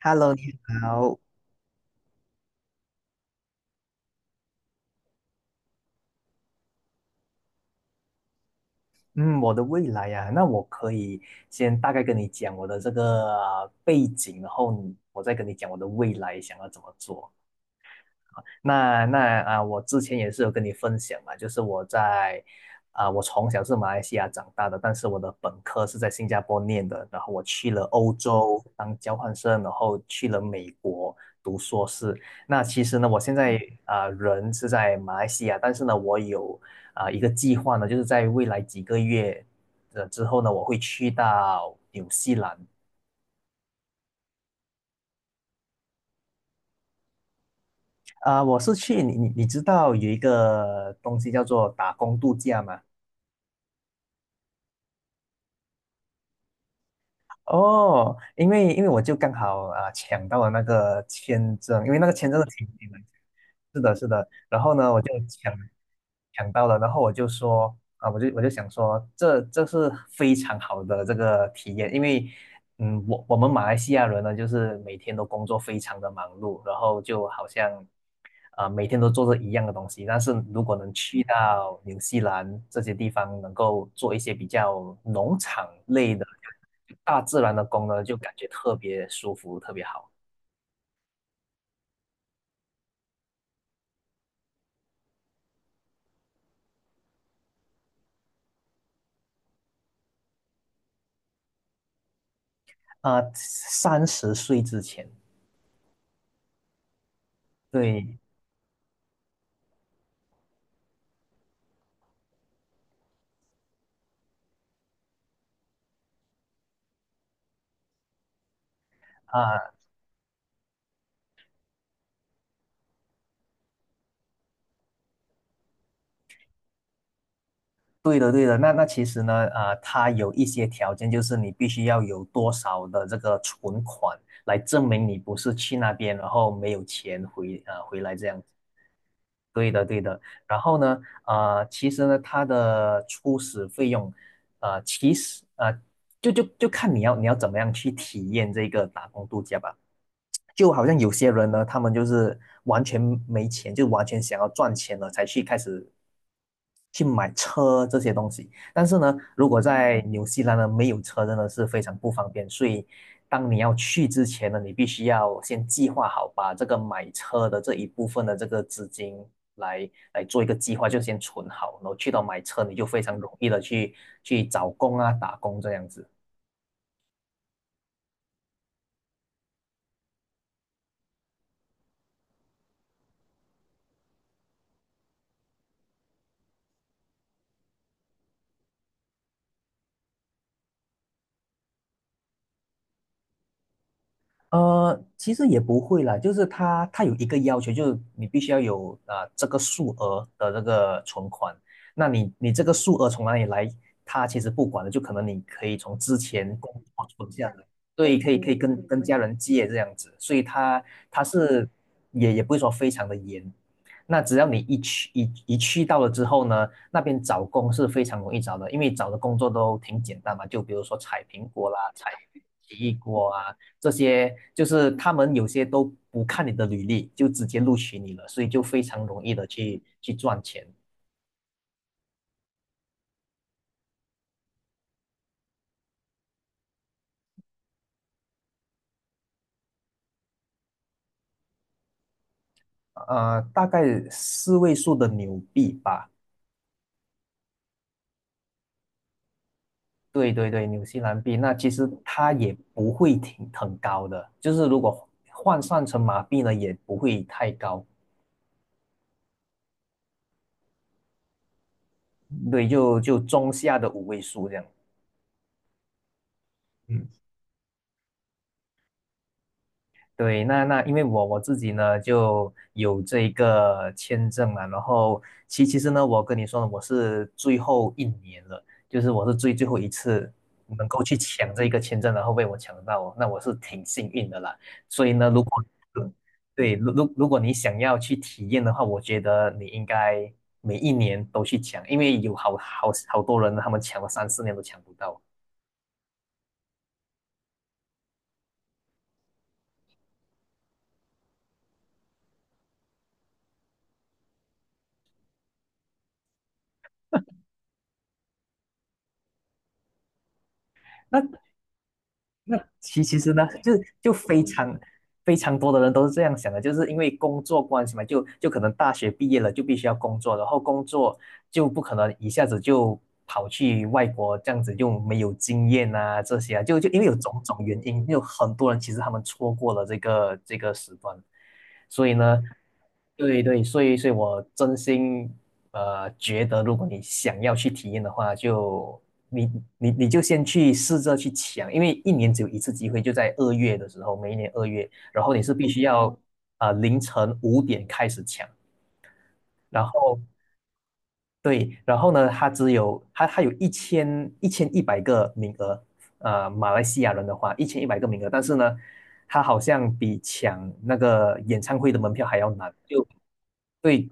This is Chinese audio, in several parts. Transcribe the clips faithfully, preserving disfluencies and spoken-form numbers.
Hello，你好。嗯，我的未来呀、那我可以先大概跟你讲我的这个呃背景，然后你我再跟你讲我的未来想要怎么做。那那啊，我之前也是有跟你分享嘛，就是我在啊，我从小是马来西亚长大的，但是我的本科是在新加坡念的，然后我去了欧洲当交换生，然后去了美国读硕士。那其实呢，我现在啊，人是在马来西亚，但是呢，我有啊一个计划呢，就是在未来几个月的之后呢，我会去到纽西兰。啊，我是去你你你知道有一个东西叫做打工度假吗？哦，因为因为我就刚好啊、呃抢到了那个签证，因为那个签证是挺挺难抢。是的，是的。然后呢，我就抢抢到了，然后我就说啊，我就我就想说，这这是非常好的这个体验，因为嗯，我我们马来西亚人呢，就是每天都工作非常的忙碌，然后就好像，呃，每天都做着一样的东西。但是如果能去到纽西兰这些地方，能够做一些比较农场类的、大自然的工呢，就感觉特别舒服，特别好。啊、三十岁之前。对，啊。对的，对的。那那其实呢，呃，它有一些条件，就是你必须要有多少的这个存款来证明你不是去那边，然后没有钱回啊回来这样子。对的，对的。然后呢，呃，其实呢，它的初始费用，呃，其实呃，就就就看你要你要怎么样去体验这个打工度假吧。就好像有些人呢，他们就是完全没钱，就完全想要赚钱了才去开始去买车这些东西。但是呢，如果在纽西兰呢没有车，真的是非常不方便。所以，当你要去之前呢，你必须要先计划好，把这个买车的这一部分的这个资金来来做一个计划，就先存好，然后去到买车，你就非常容易的去去找工啊、打工这样子。呃，其实也不会啦，就是他他有一个要求，就是你必须要有啊、呃、这个数额的这个存款。那你你这个数额从哪里来，他其实不管的，就可能你可以从之前工作存下来，对，可以可以跟跟家人借这样子，所以他他是也也不会说非常的严。那只要你一去一一去到了之后呢，那边找工是非常容易找的，因为找的工作都挺简单嘛，就比如说采苹果啦，采奇异果啊。这些就是他们有些都不看你的履历，就直接录取你了，所以就非常容易的去去赚钱。呃，大概四位数的纽币吧。对对对，纽西兰币，那其实它也不会挺很高的，就是如果换算成马币呢，也不会太高。对，就就中下的五位数这样。对，那那因为我我自己呢就有这一个签证嘛，然后其其实呢，我跟你说呢，我是最后一年了，就是我是最最后一次能够去抢这一个签证，然后被我抢到哦，那我是挺幸运的啦。所以呢，如果对，如如如果你想要去体验的话，我觉得你应该每一年都去抢，因为有好好好多人呢他们抢了三四年都抢不到。那那其其实呢，就是就非常非常多的人都是这样想的，就是因为工作关系嘛，就就可能大学毕业了就必须要工作，然后工作就不可能一下子就跑去外国这样子，又没有经验啊这些啊，就就因为有种种原因，有很多人其实他们错过了这个这个时段。所以呢，对对，所以所以我真心呃觉得，如果你想要去体验的话，就你你你就先去试着去抢，因为一年只有一次机会，就在二月的时候，每一年二月，然后你是必须要啊呃凌晨五点开始抢。对，然后呢，它只有它它有一千一千一百个名额，呃，马来西亚人的话，一千一百个名额，但是呢，它好像比抢那个演唱会的门票还要难，就对，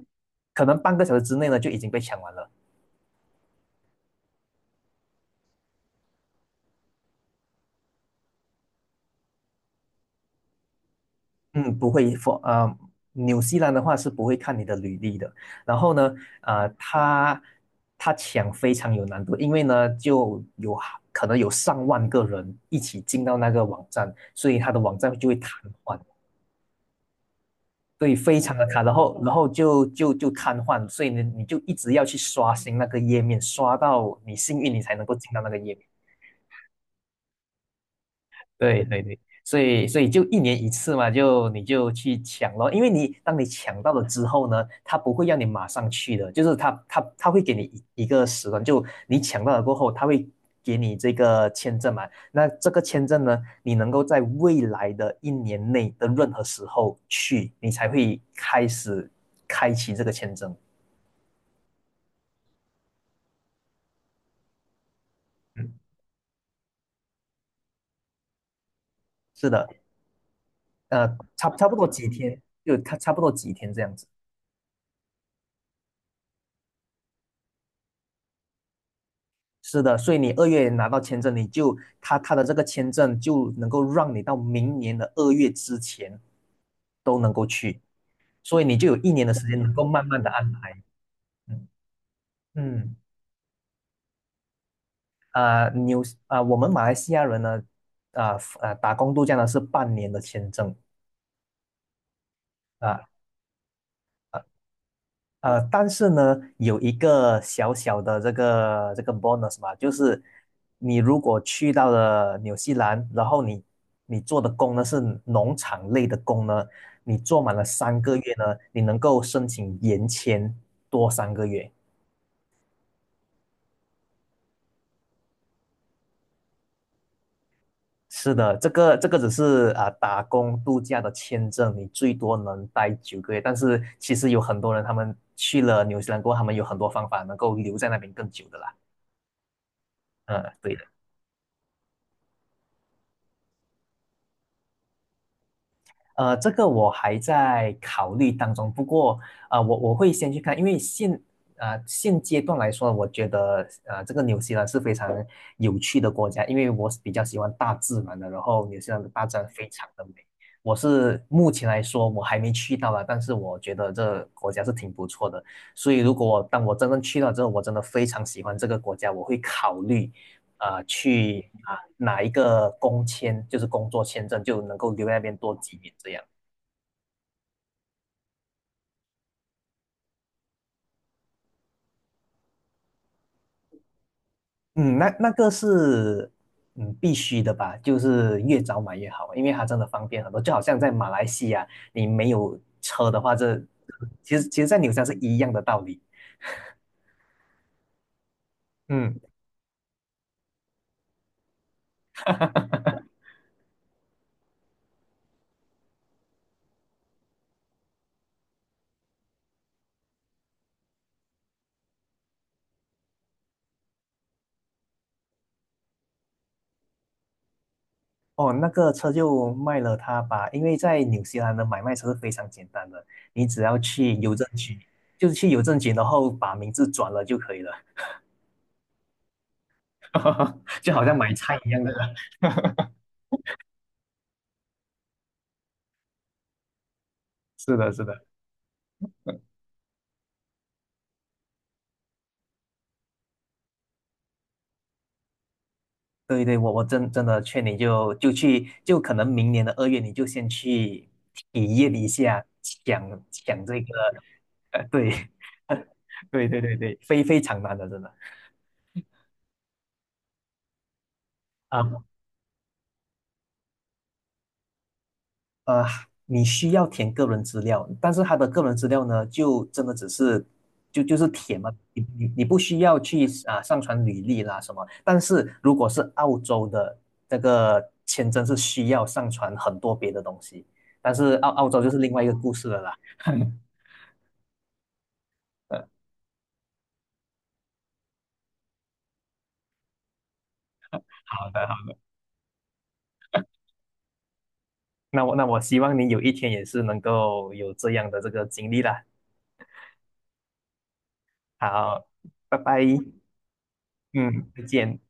可能半个小时之内呢就已经被抢完了。嗯，不会，for 呃，纽西兰的话是不会看你的履历的。然后呢，呃，他他抢非常有难度，因为呢就有可能有上万个人一起进到那个网站，所以他的网站就会瘫痪，对，非常的卡。然后然后就就就瘫痪，所以呢你就一直要去刷新那个页面，刷到你幸运你才能够进到那个页面。对对对，所以所以就一年一次嘛，就你就去抢咯，因为你当你抢到了之后呢，他不会让你马上去的，就是他他他会给你一一个时段，就你抢到了过后，他会给你这个签证嘛，那这个签证呢，你能够在未来的一年内的任何时候去，你才会开始开启这个签证。嗯，是的，呃，差差不多几天，就差差不多几天这样子。是的，所以你二月拿到签证，你就他他的这个签证就能够让你到明年的二月之前都能够去，所以你就有一年的时间能够慢慢的安排。嗯。嗯啊、纽啊、我们马来西亚人呢，啊、呃啊、打工度假呢是半年的签证。啊、呃呃，但是呢，有一个小小的这个这个 bonus 嘛，就是你如果去到了纽西兰，然后你你做的工呢是农场类的工呢，你做满了三个月呢，你能够申请延签多三个月。是的，这个这个只是啊、打工度假的签证，你最多能待九个月，但是其实有很多人他们去了纽西兰过后，他们有很多方法能够留在那边更久的啦。嗯，对。的。呃，这个我还在考虑当中。不过，呃，我我会先去看，因为现啊、现阶段来说，我觉得呃这个纽西兰是非常有趣的国家，因为我是比较喜欢大自然的，然后纽西兰的大自然非常的美。我是目前来说我还没去到啦，但是我觉得这国家是挺不错的。所以如果我当我真正去到之后，我真的非常喜欢这个国家，我会考虑啊、呃去啊拿一个工签，就是工作签证，就能够留在那边多几年这样。嗯，那那个是嗯必须的吧，就是越早买越好，因为它真的方便很多。就好像在马来西亚，你没有车的话，这其实其实，在纽西兰是一样的道理。嗯，哦，那个车就卖了它吧，因为在纽西兰的买卖车是非常简单的，你只要去邮政局，就是去邮政局，然后把名字转了就可以了，就好像买菜一样的。是的，是的。对对，我我真真的劝你就就去，就可能明年的二月你就先去体验一下抢抢这个，对，对对对对，非非常难的，真的啊。呃，你需要填个人资料，但是他的个人资料呢，就真的只是就就是填嘛，你你你不需要去啊上传履历啦什么。但是如果是澳洲的这个签证是需要上传很多别的东西，但是澳澳洲就是另外一个故事了啦。呃，好的，好，那我那我希望你有一天也是能够有这样的这个经历啦。好，拜拜，嗯，再见。